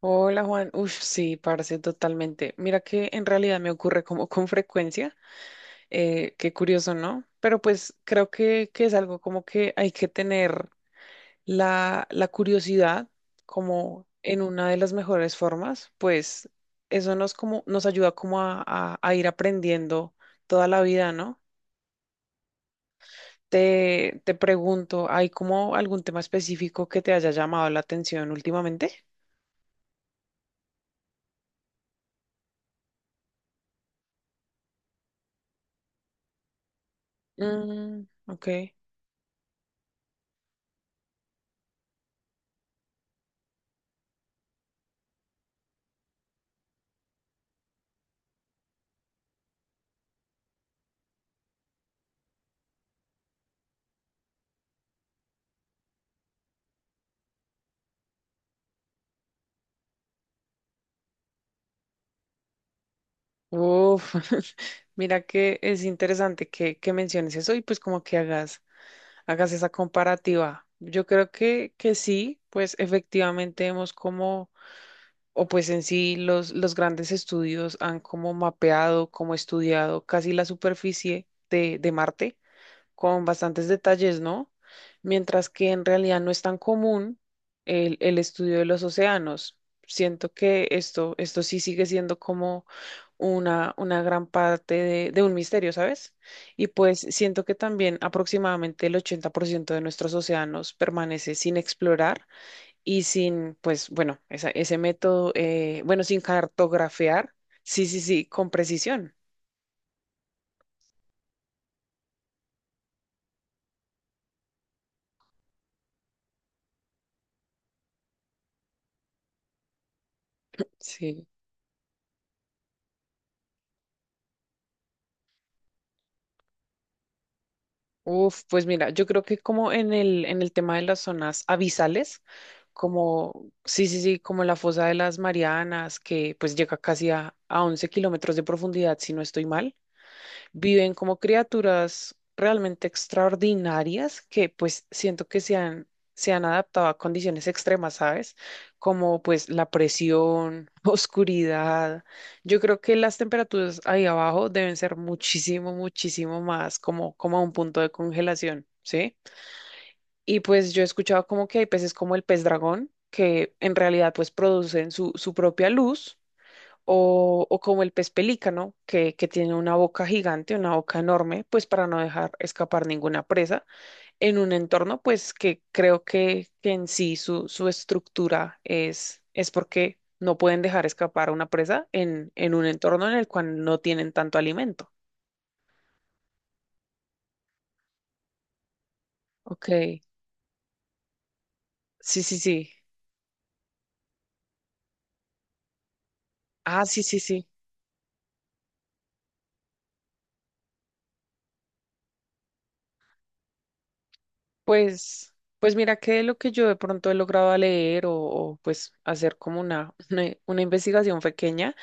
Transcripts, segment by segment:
Hola Juan, uff, sí, parce, totalmente. Mira que en realidad me ocurre como con frecuencia, qué curioso, ¿no? Pero pues creo que es algo como que hay que tener la curiosidad como en una de las mejores formas, pues eso nos, como, nos ayuda como a ir aprendiendo toda la vida, ¿no? Te pregunto, ¿hay como algún tema específico que te haya llamado la atención últimamente? Mm, ok. Uf, mira que es interesante que menciones eso y pues como que hagas esa comparativa. Yo creo que sí, pues efectivamente hemos como... O pues en sí los grandes estudios han como mapeado, como estudiado casi la superficie de Marte con bastantes detalles, ¿no? Mientras que en realidad no es tan común el estudio de los océanos. Siento que esto sí sigue siendo como una gran parte de un misterio, ¿sabes? Y pues siento que también aproximadamente el 80% de nuestros océanos permanece sin explorar y sin, pues bueno, ese método, bueno, sin cartografiar, sí, sí, sí, con precisión, sí. Uf, pues mira, yo creo que como en en el tema de las zonas abisales, como, sí, sí, sí, como la fosa de las Marianas, que pues llega casi a 11 kilómetros de profundidad, si no estoy mal. Viven como criaturas realmente extraordinarias que pues siento que se han adaptado a condiciones extremas, ¿sabes? Como pues la presión, oscuridad. Yo creo que las temperaturas ahí abajo deben ser muchísimo, muchísimo más como, como a un punto de congelación, ¿sí? Y pues yo he escuchado como que hay peces como el pez dragón, que en realidad pues producen su propia luz o como el pez pelícano, que tiene una boca gigante, una boca enorme, pues para no dejar escapar ninguna presa, en un entorno pues que creo que en sí su estructura es porque no pueden dejar escapar a una presa en un entorno en el cual no tienen tanto alimento. Ok, sí, sí, sí. Ah, sí, sí, sí. Pues, pues mira que lo que yo de pronto he logrado a leer o, pues hacer como una, una investigación pequeña.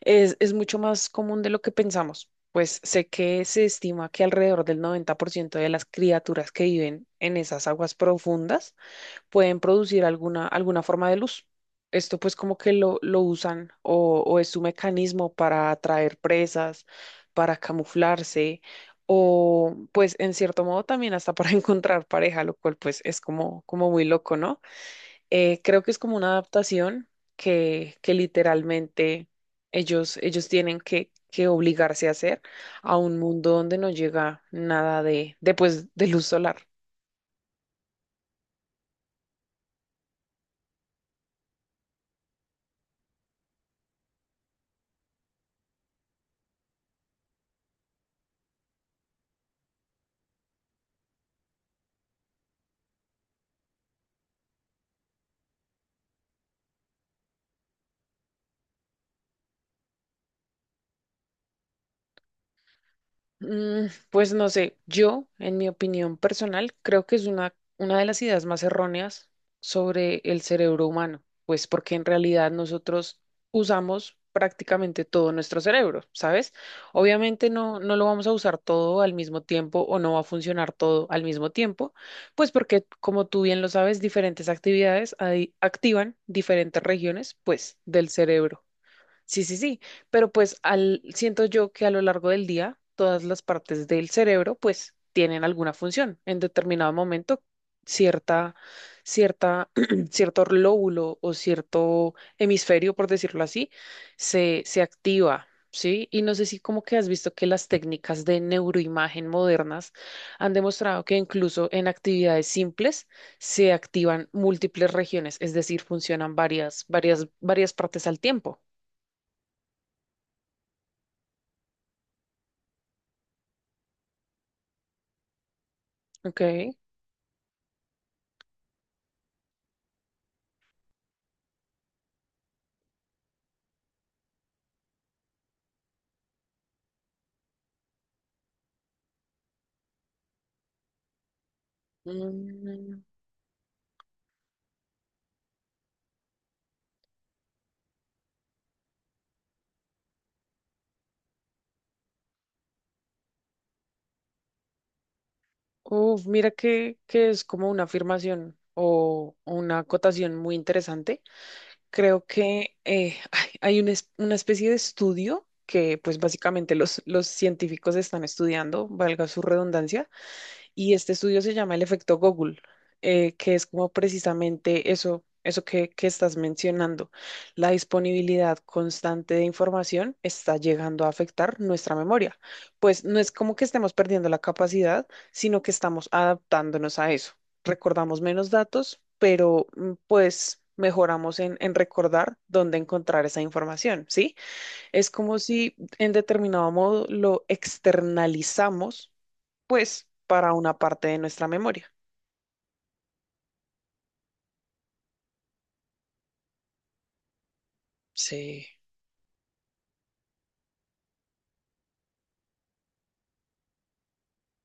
Es mucho más común de lo que pensamos, pues sé que se estima que alrededor del 90% de las criaturas que viven en esas aguas profundas pueden producir alguna, alguna forma de luz. Esto pues como que lo usan o es su mecanismo para atraer presas, para camuflarse o pues en cierto modo también hasta para encontrar pareja, lo cual pues es como, como muy loco, ¿no? Creo que es como una adaptación que literalmente ellos tienen que obligarse a hacer a un mundo donde no llega nada pues, de luz solar. Mm, pues no sé, yo, en mi opinión personal, creo que es una de las ideas más erróneas sobre el cerebro humano, pues porque en realidad nosotros usamos prácticamente todo nuestro cerebro, ¿sabes? Obviamente no, no lo vamos a usar todo al mismo tiempo o no va a funcionar todo al mismo tiempo, pues porque, como tú bien lo sabes, diferentes actividades ahí activan diferentes regiones, pues, del cerebro. Sí, sí, sí, pero pues siento yo que a lo largo del día todas las partes del cerebro pues tienen alguna función. En determinado momento cierta, cierta, cierto lóbulo o cierto hemisferio, por decirlo así, se activa, ¿sí? Y no sé si como que has visto que las técnicas de neuroimagen modernas han demostrado que incluso en actividades simples se activan múltiples regiones, es decir, funcionan varias partes al tiempo. Ok. Mm, uf, mira que es como una afirmación o una acotación muy interesante. Creo que ay, hay una, una especie de estudio que pues básicamente los científicos están estudiando, valga su redundancia. Y este estudio se llama el efecto Google, que es como precisamente eso, eso que estás mencionando. La disponibilidad constante de información está llegando a afectar nuestra memoria. Pues no es como que estemos perdiendo la capacidad, sino que estamos adaptándonos a eso. Recordamos menos datos, pero pues mejoramos en recordar dónde encontrar esa información, ¿sí? Es como si en determinado modo lo externalizamos pues para una parte de nuestra memoria. Sí,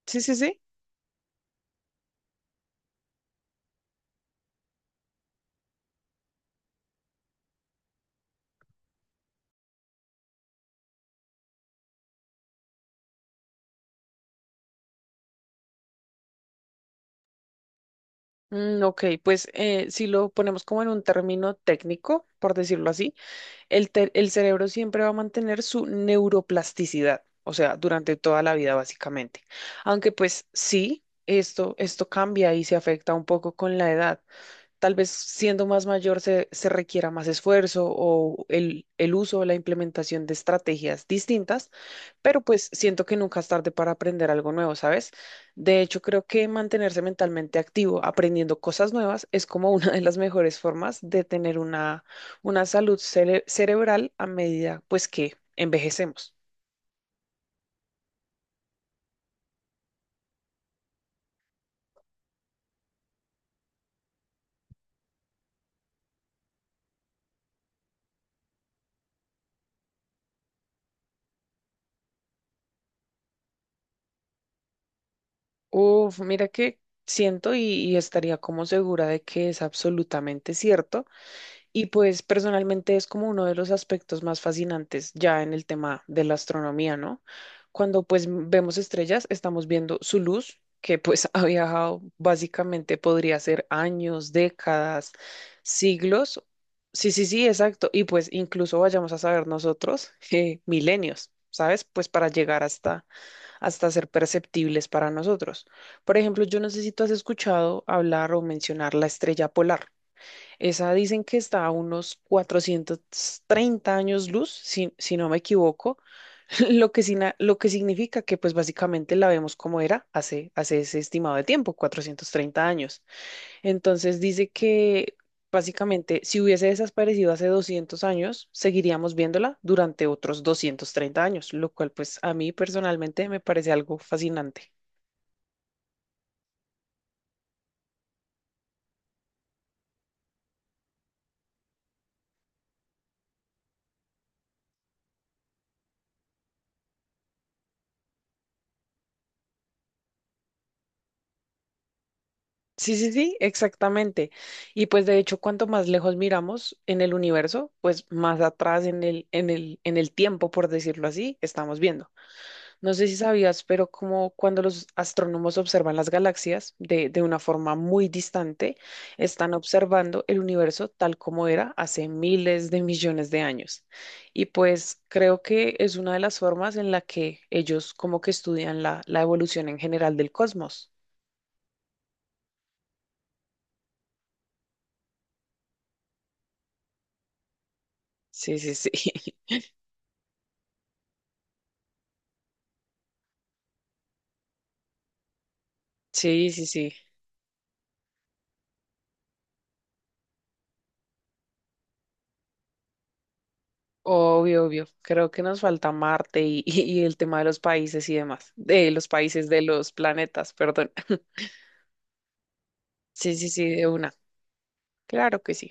sí, sí, sí. Mm, ok, pues si lo ponemos como en un término técnico, por decirlo así, el cerebro siempre va a mantener su neuroplasticidad, o sea, durante toda la vida básicamente. Aunque pues sí, esto cambia y se afecta un poco con la edad. Tal vez siendo más mayor se requiera más esfuerzo o el uso o la implementación de estrategias distintas, pero pues siento que nunca es tarde para aprender algo nuevo, ¿sabes? De hecho, creo que mantenerse mentalmente activo, aprendiendo cosas nuevas, es como una de las mejores formas de tener una salud cerebral a medida, pues, que envejecemos. Uf, mira que siento y estaría como segura de que es absolutamente cierto. Y pues personalmente es como uno de los aspectos más fascinantes ya en el tema de la astronomía, ¿no? Cuando pues vemos estrellas, estamos viendo su luz, que pues ha viajado básicamente, podría ser años, décadas, siglos. Sí, sí, sí, exacto. Y pues incluso vayamos a saber nosotros, milenios, ¿sabes? Pues para llegar hasta, hasta ser perceptibles para nosotros. Por ejemplo, yo no sé si tú has escuchado hablar o mencionar la estrella polar. Esa dicen que está a unos 430 años luz, si no me equivoco, lo que, lo que significa que pues básicamente la vemos como era hace, hace ese estimado de tiempo, 430 años. Entonces dice que básicamente si hubiese desaparecido hace 200 años, seguiríamos viéndola durante otros 230 años, lo cual pues a mí personalmente me parece algo fascinante. Sí, sí, sí, exactamente. Y pues de hecho, cuanto más lejos miramos en el universo, pues más atrás en en el tiempo, por decirlo así, estamos viendo. No sé si sabías, pero como cuando los astrónomos observan las galaxias de una forma muy distante, están observando el universo tal como era hace miles de millones de años. Y pues creo que es una de las formas en la que ellos como que estudian la, la evolución en general del cosmos. Sí, sí, sí. Sí, sí, sí. Obvio, obvio. Creo que nos falta Marte y el tema de los países y demás. De los países, de los planetas, perdón. Sí, sí, sí, de una. Claro que sí.